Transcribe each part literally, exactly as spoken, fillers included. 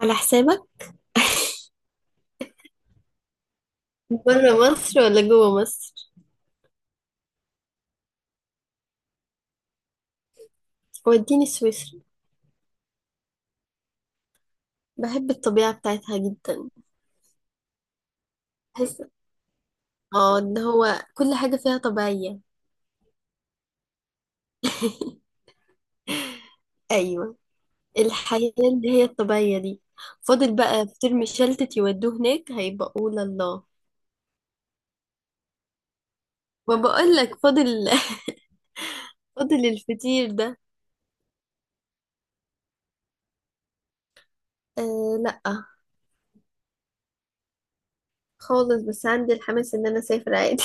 على حسابك. بره مصر ولا جوه مصر؟ وديني سويسرا. بحب الطبيعة بتاعتها جدا. بحس اه ان هو كل حاجة فيها طبيعية. ايوه. الحياة اللي هي الطبيعية دي. فاضل بقى في ترم شلتت يودوه هناك هيبقى قول الله. وبقول لك فاضل. فاضل الفطير ده. آه لا، خالص. بس عندي الحماس ان انا اسافر عادي.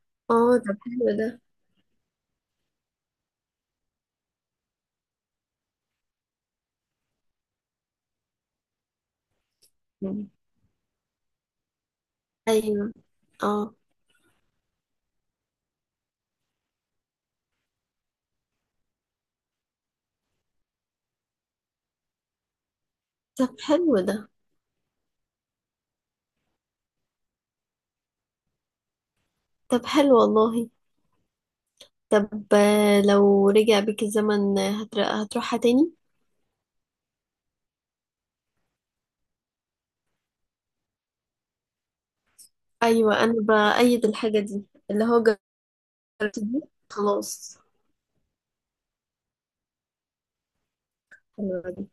اه طب حلو ده. مم. ايوه. اه طب حلو ده. طب حلو والله. طب آه، لو رجع بيك الزمن آه، هتر- هتروحها تاني؟ ايوه، انا بأيد الحاجه دي اللي هو. جربت دي، خلاص. حلوة دي.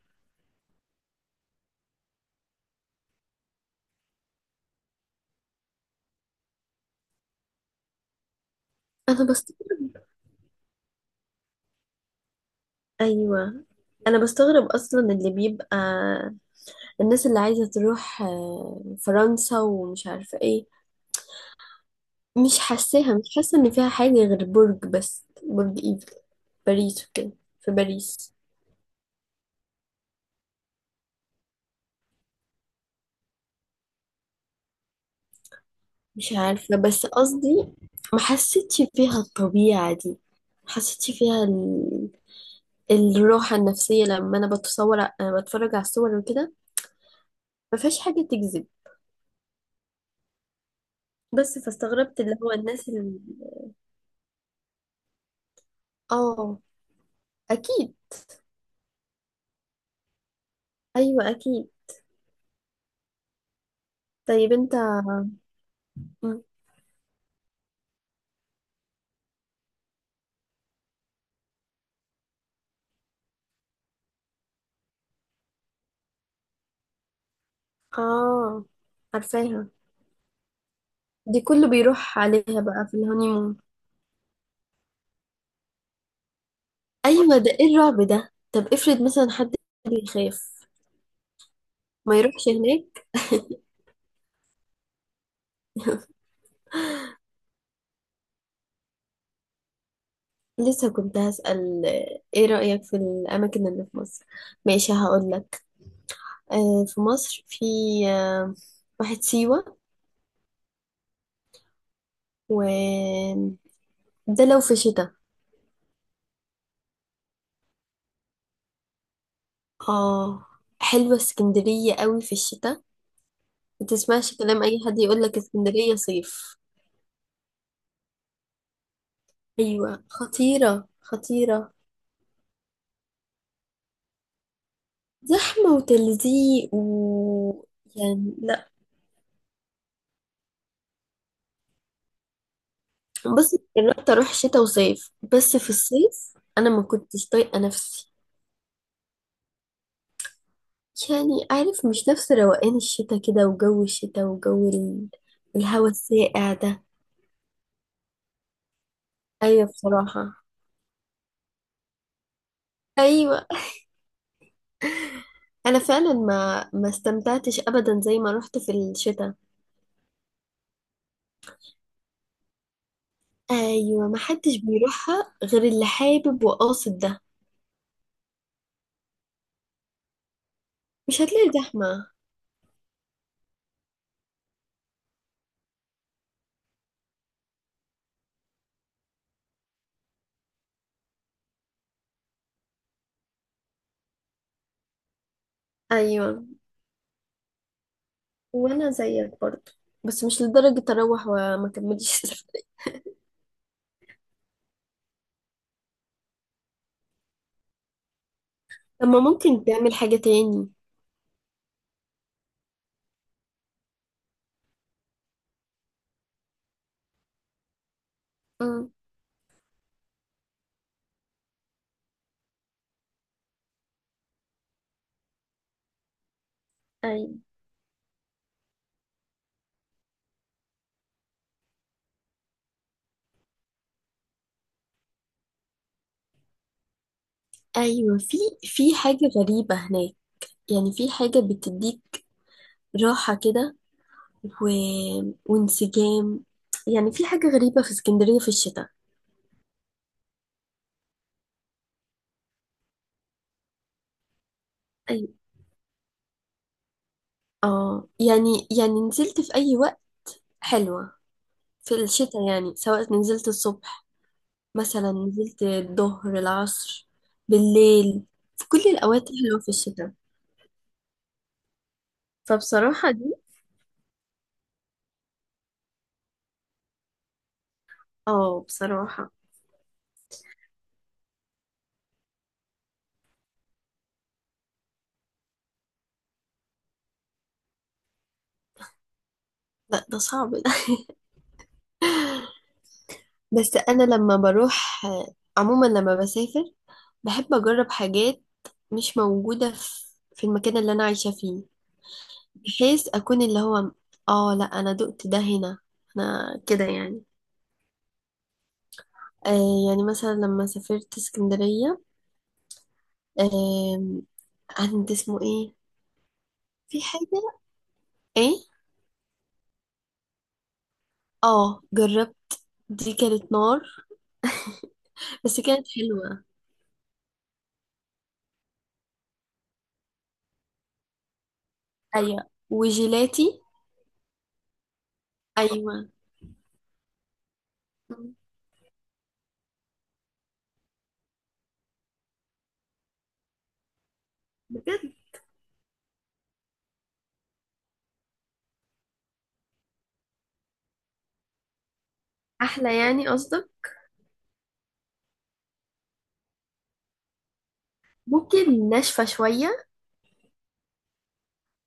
انا بست. ايوه. انا بستغرب اصلا اللي بيبقى الناس اللي عايزه تروح آه، فرنسا ومش عارفه ايه. مش حاساها، مش حاسه ان فيها حاجه غير برج، بس برج ايفل، باريس وكده. في باريس. مش عارفه، بس قصدي ما حسيتش فيها الطبيعه دي. ما حسيتش فيها الراحة النفسية، لما أنا بتصور، أنا بتفرج على الصور وكده. مفيهاش حاجة تجذب. بس فاستغربت اللي هو الناس اللي آه. أكيد. أيوة أكيد. طيب أنت؟ مم. آه. عارفاها. دي كله بيروح عليها بقى في الهونيمون. أيوة ده إيه الرعب ده؟ طب افرض مثلا حد بيخاف. ما يروحش هناك. لسه كنت هسأل آه، إيه رأيك في الأماكن اللي في مصر. ماشي هقولك. آه، في مصر في، آه واحد سيوة، و ده لو في شتاء. اه، حلوة اسكندرية قوي في الشتاء. ما تسمعش كلام اي حد يقولك اسكندرية صيف. ايوه، خطيرة خطيرة. زحمة وتلزيق و يعني لا. بس جربت اروح شتاء وصيف، بس في الصيف انا ما كنتش طايقة نفسي. يعني عارف، مش نفس روقان الشتاء كده، وجو الشتاء، وجو ال- الهوا الساقع ده. ايوه بصراحة. ايوه انا فعلا ما ما استمتعتش ابدا زي ما رحت في الشتاء. ايوه، ما حدش بيروحها غير اللي حابب وقاصد ده. مش هتلاقي زحمه. ايوه، وانا زيك برضه، بس مش لدرجه اروح وما كملش. طب ما ممكن تعمل حاجه تاني. امم ايوه. ايوه في في حاجه غريبه هناك. يعني في حاجه بتديك راحه كده و... وانسجام. يعني في حاجه غريبه في اسكندريه في الشتاء. ايوه. اه، يعني يعني نزلت في اي وقت حلوة في الشتاء. يعني سواء نزلت الصبح، مثلا نزلت الظهر، العصر، بالليل، في كل الأوقات حلوة في الشتاء. فبصراحة دي. اه بصراحة. لا ده صعب ده. بس أنا لما بروح، عموما لما بسافر، بحب أجرب حاجات مش موجودة في في المكان اللي أنا عايشة فيه. بحيث أكون اللي هو اه، لا أنا دقت ده هنا أنا كده يعني. آه يعني مثلا لما سافرت اسكندرية، آه عند اسمه ايه، في حاجة ايه. اه جربت، دي كانت نار، بس كانت حلوة. ايوه وجيلاتي. ايوه بجد، احلى يعني قصدك. ممكن ناشفة شوية.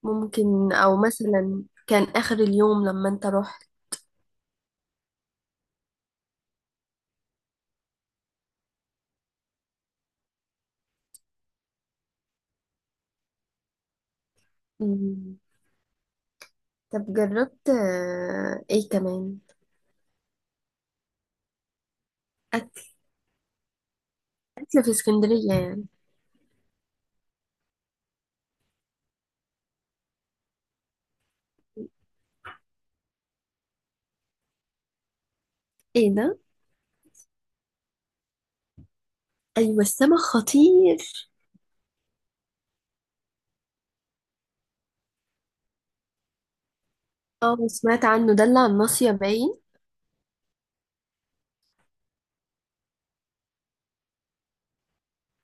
ممكن، او مثلا كان اخر اليوم لما انت رحت. مم. طب جربت آه، ايه كمان. اكل. اكل في اسكندرية يعني. ايه ده؟ ايوه السمك خطير. اه، سمعت عنه ده اللي على الناصية باين.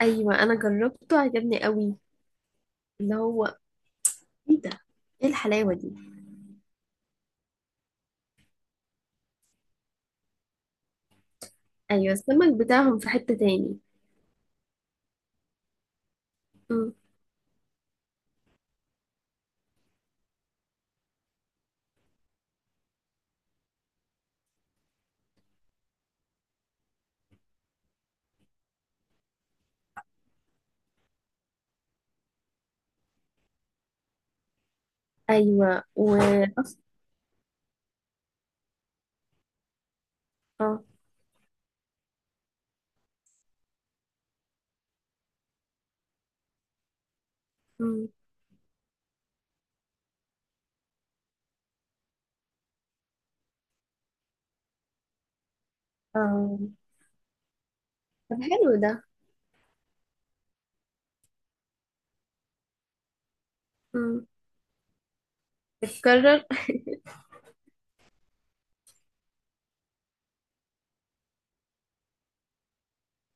ايوه انا جربته عجبني قوي اللي هو. ايه ده؟ ايه الحلاوة دي؟ ايوه السمك بتاعهم في حتة تاني. مم. ايوه و اه مم. اه طب حلو ده. مم. اتكرر ان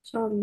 شاء الله.